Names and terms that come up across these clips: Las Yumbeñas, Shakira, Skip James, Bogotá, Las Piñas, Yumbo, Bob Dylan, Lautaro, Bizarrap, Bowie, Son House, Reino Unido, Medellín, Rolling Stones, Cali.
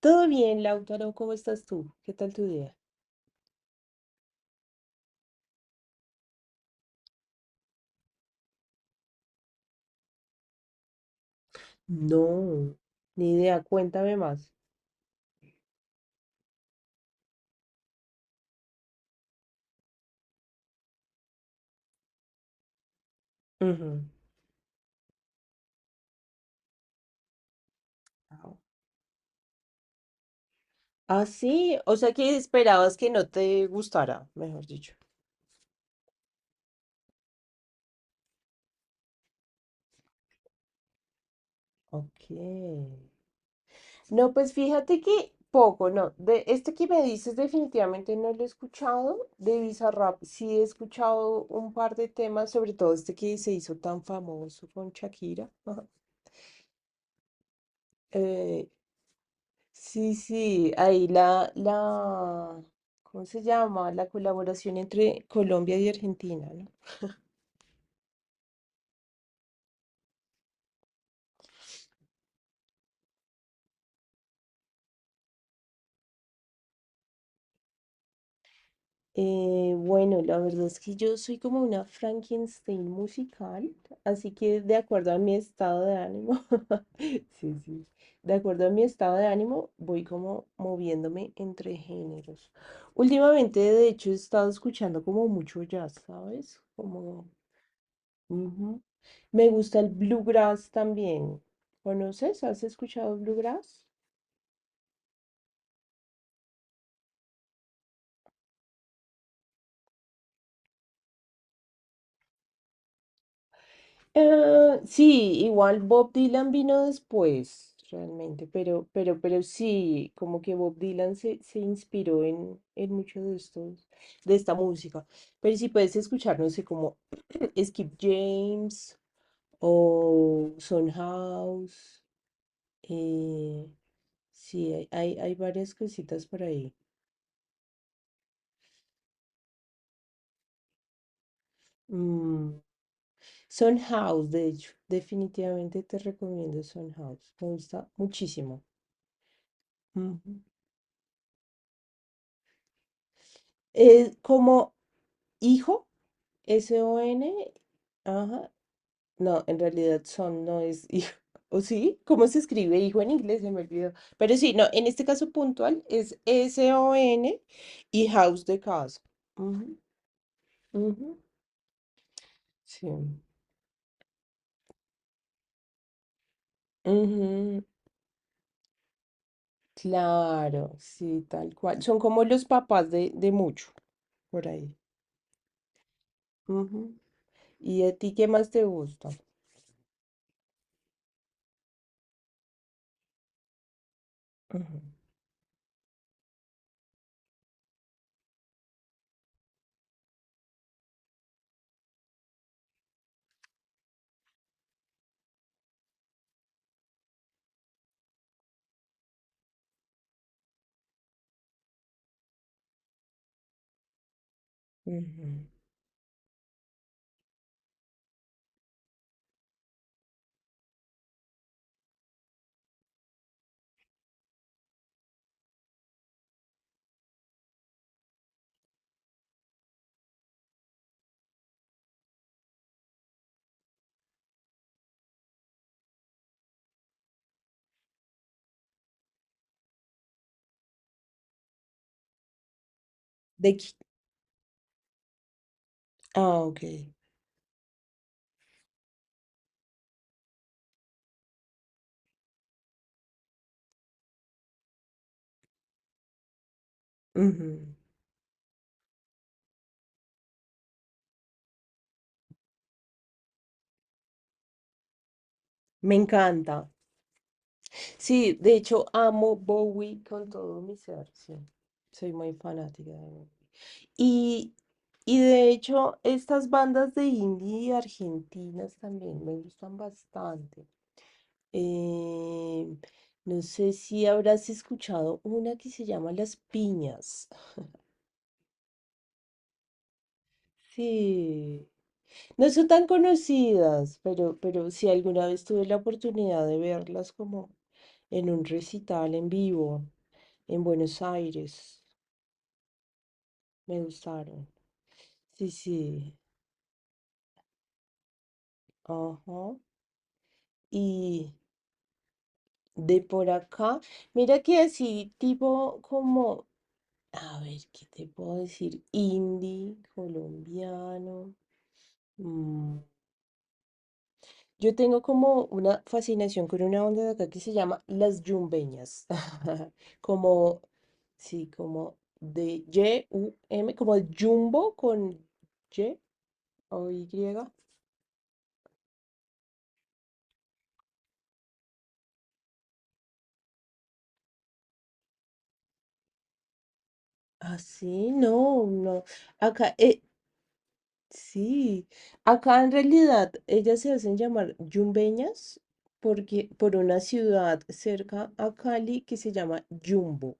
Todo bien, Lautaro, ¿cómo estás tú? ¿Qué tal tu día? No, ni idea, cuéntame más. Ujú. Au. Ah, sí, o sea que esperabas que no te gustara, mejor dicho. Ok. No, pues fíjate que poco, no. De este que me dices definitivamente no lo he escuchado. De Bizarrap sí he escuchado un par de temas, sobre todo este que se hizo tan famoso con Shakira. Eh, Sí, sí, ahí la, ¿cómo se llama? La colaboración entre Colombia y Argentina, ¿no? Bueno, la verdad es que yo soy como una Frankenstein musical, así que de acuerdo a mi estado de ánimo, sí, sí, de acuerdo a mi estado de ánimo, voy como moviéndome entre géneros. Últimamente, de hecho, he estado escuchando como mucho jazz, ¿sabes? Como, ujú. Me gusta el bluegrass también. ¿Conoces? ¿Has escuchado bluegrass? Ah, sí, igual Bob Dylan vino después, realmente, pero sí, como que Bob Dylan se inspiró en mucho de estos, de esta música. Pero si puedes escuchar, no sé, como Skip James o Son House, eh, sí, hay varias cositas por ahí. Mm, Son House, de hecho, definitivamente te recomiendo Son House. Me gusta muchísimo. Ujú. Es como hijo, Son, ajá. No, en realidad son no es hijo. ¿O sí? ¿Cómo se escribe hijo en inglés? Se me olvidó. Pero sí, no, en este caso puntual es Son y House de casa. Ujú, ujú. Sí. Ujú. Claro, sí, tal cual. Son como los papás de mucho, por ahí. ¿Y a ti qué más te gusta? Ujú, ujú. De qui- Ah, ok. Ujú. Me encanta. Sí, de hecho amo Bowie con todo mi ser, sí. Soy muy fanática de Bowie. Y, y de hecho estas bandas de indie argentinas también me gustan bastante. Eh, no sé si habrás escuchado una que se llama Las Piñas. Sí. No son tan conocidas, pero sí alguna vez tuve la oportunidad de verlas como en un recital en vivo en Buenos Aires. Me gustaron. Sí, sí. Ajá. Y de por acá, mira que así, tipo como, a ver, ¿qué te puedo decir? Indie, colombiano. Mm, yo tengo como una fascinación con una banda de acá que se llama Las Yumbeñas. Como, sí, como de Y-U-M, como de Jumbo con Y o Y. Así, no, no. Acá, sí. Acá en realidad ellas se hacen llamar Yumbeñas porque, por una ciudad cerca a Cali que se llama Jumbo.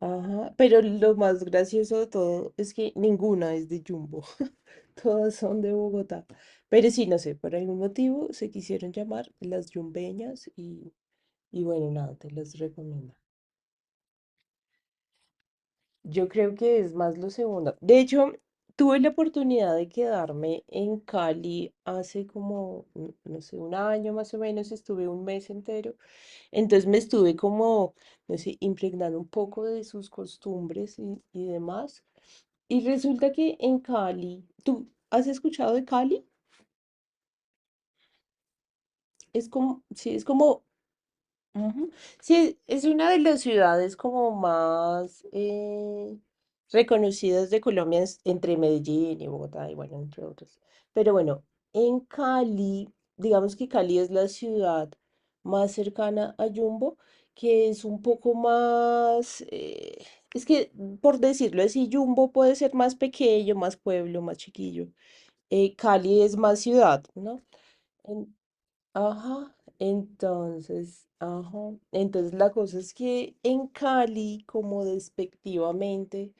Ajá, pero lo más gracioso de todo es que ninguna es de Jumbo. Todas son de Bogotá. Pero sí, no sé, por algún motivo se quisieron llamar las yumbeñas y bueno, nada, te las recomiendo. Yo creo que es más lo segundo. De hecho, tuve la oportunidad de quedarme en Cali hace como, mm, no sé, un año más o menos, estuve un mes entero. Entonces me estuve como, no sé, impregnando un poco de sus costumbres y demás. Y resulta que en Cali, ¿tú has escuchado de Cali? Es como, sí, es como ujú. Sí, es una de las ciudades como más reconocidas de Colombia es- entre Medellín y Bogotá y bueno, entre otros. Pero bueno, en Cali, digamos que Cali es la ciudad más cercana a Yumbo, que es un poco más, es que mm, por decirlo así, Yumbo puede ser más pequeño, más pueblo, más chiquillo. Cali es más ciudad, ¿no? Ajá, ajá, entonces la cosa es que en Cali, como despectivamente,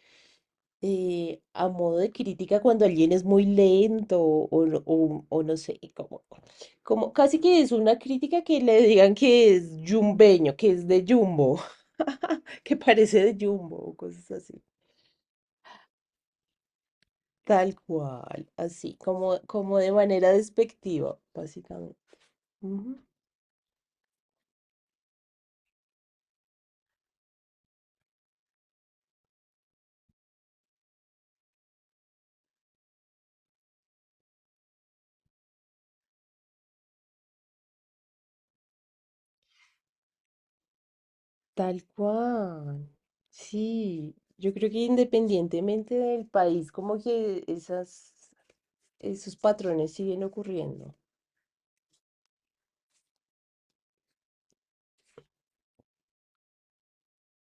a modo de crítica, cuando alguien es muy lento o no sé, como, como casi que es una crítica que le digan que es yumbeño, que es de Jumbo, que parece de Jumbo o cosas así. Tal cual, así, como, como de manera despectiva, básicamente. Tal cual. Sí, yo creo que independientemente del país, como que esas, esos patrones siguen ocurriendo.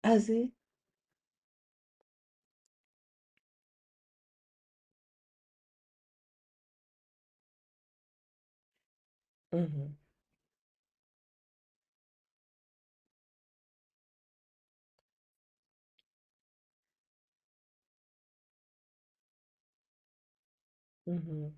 ¿Ah, sí? Ujú. Ujú.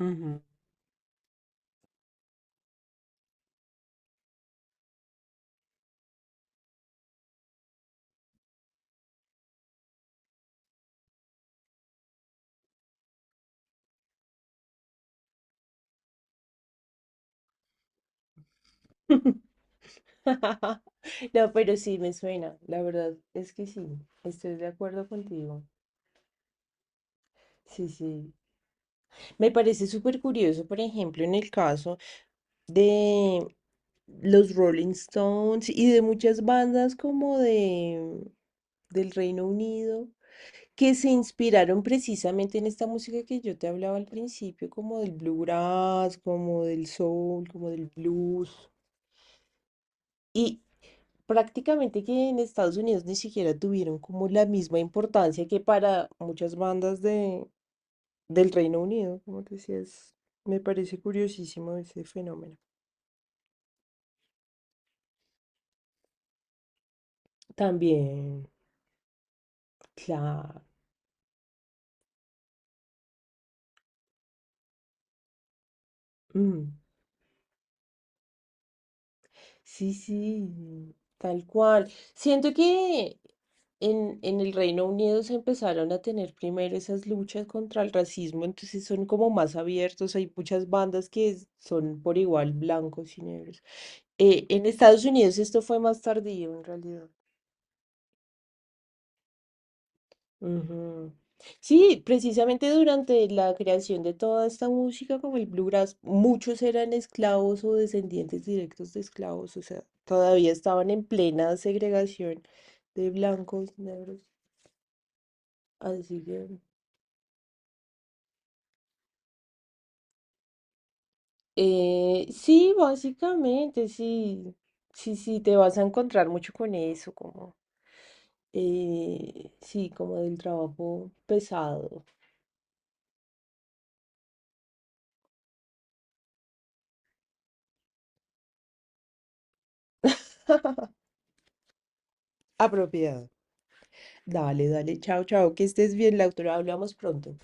Ujú. No, pero sí me suena, la verdad es que sí, estoy de acuerdo contigo. Sí, sí. Me parece súper curioso, por ejemplo, en el caso de los Rolling Stones y de muchas bandas como de del Reino Unido que se inspiraron precisamente en esta música que yo te hablaba al principio, como del bluegrass, como del soul, como del blues. Y, prácticamente que en Estados Unidos ni siquiera tuvieron como la misma importancia que para muchas bandas de, del Reino Unido, como te decía, es- me parece curiosísimo ese fenómeno. También, claro. Sí, sí, tal cual. Siento que en el Reino Unido se empezaron a tener primero esas luchas contra el racismo, entonces son como más abiertos, hay muchas bandas que es- son por igual blancos y negros. En Estados Unidos esto fue más tardío en realidad. Ujú. Sí, precisamente durante la creación de toda esta música, como el bluegrass, muchos eran esclavos o descendientes directos de esclavos, o sea, todavía estaban en plena segregación de blancos, negros, así que... sí, básicamente, sí, sí, sí, te vas a encontrar mucho con eso, como, sí, como del trabajo pesado, apropiado. Dale, dale, chao, chao, que estés bien, la autora, hablamos pronto.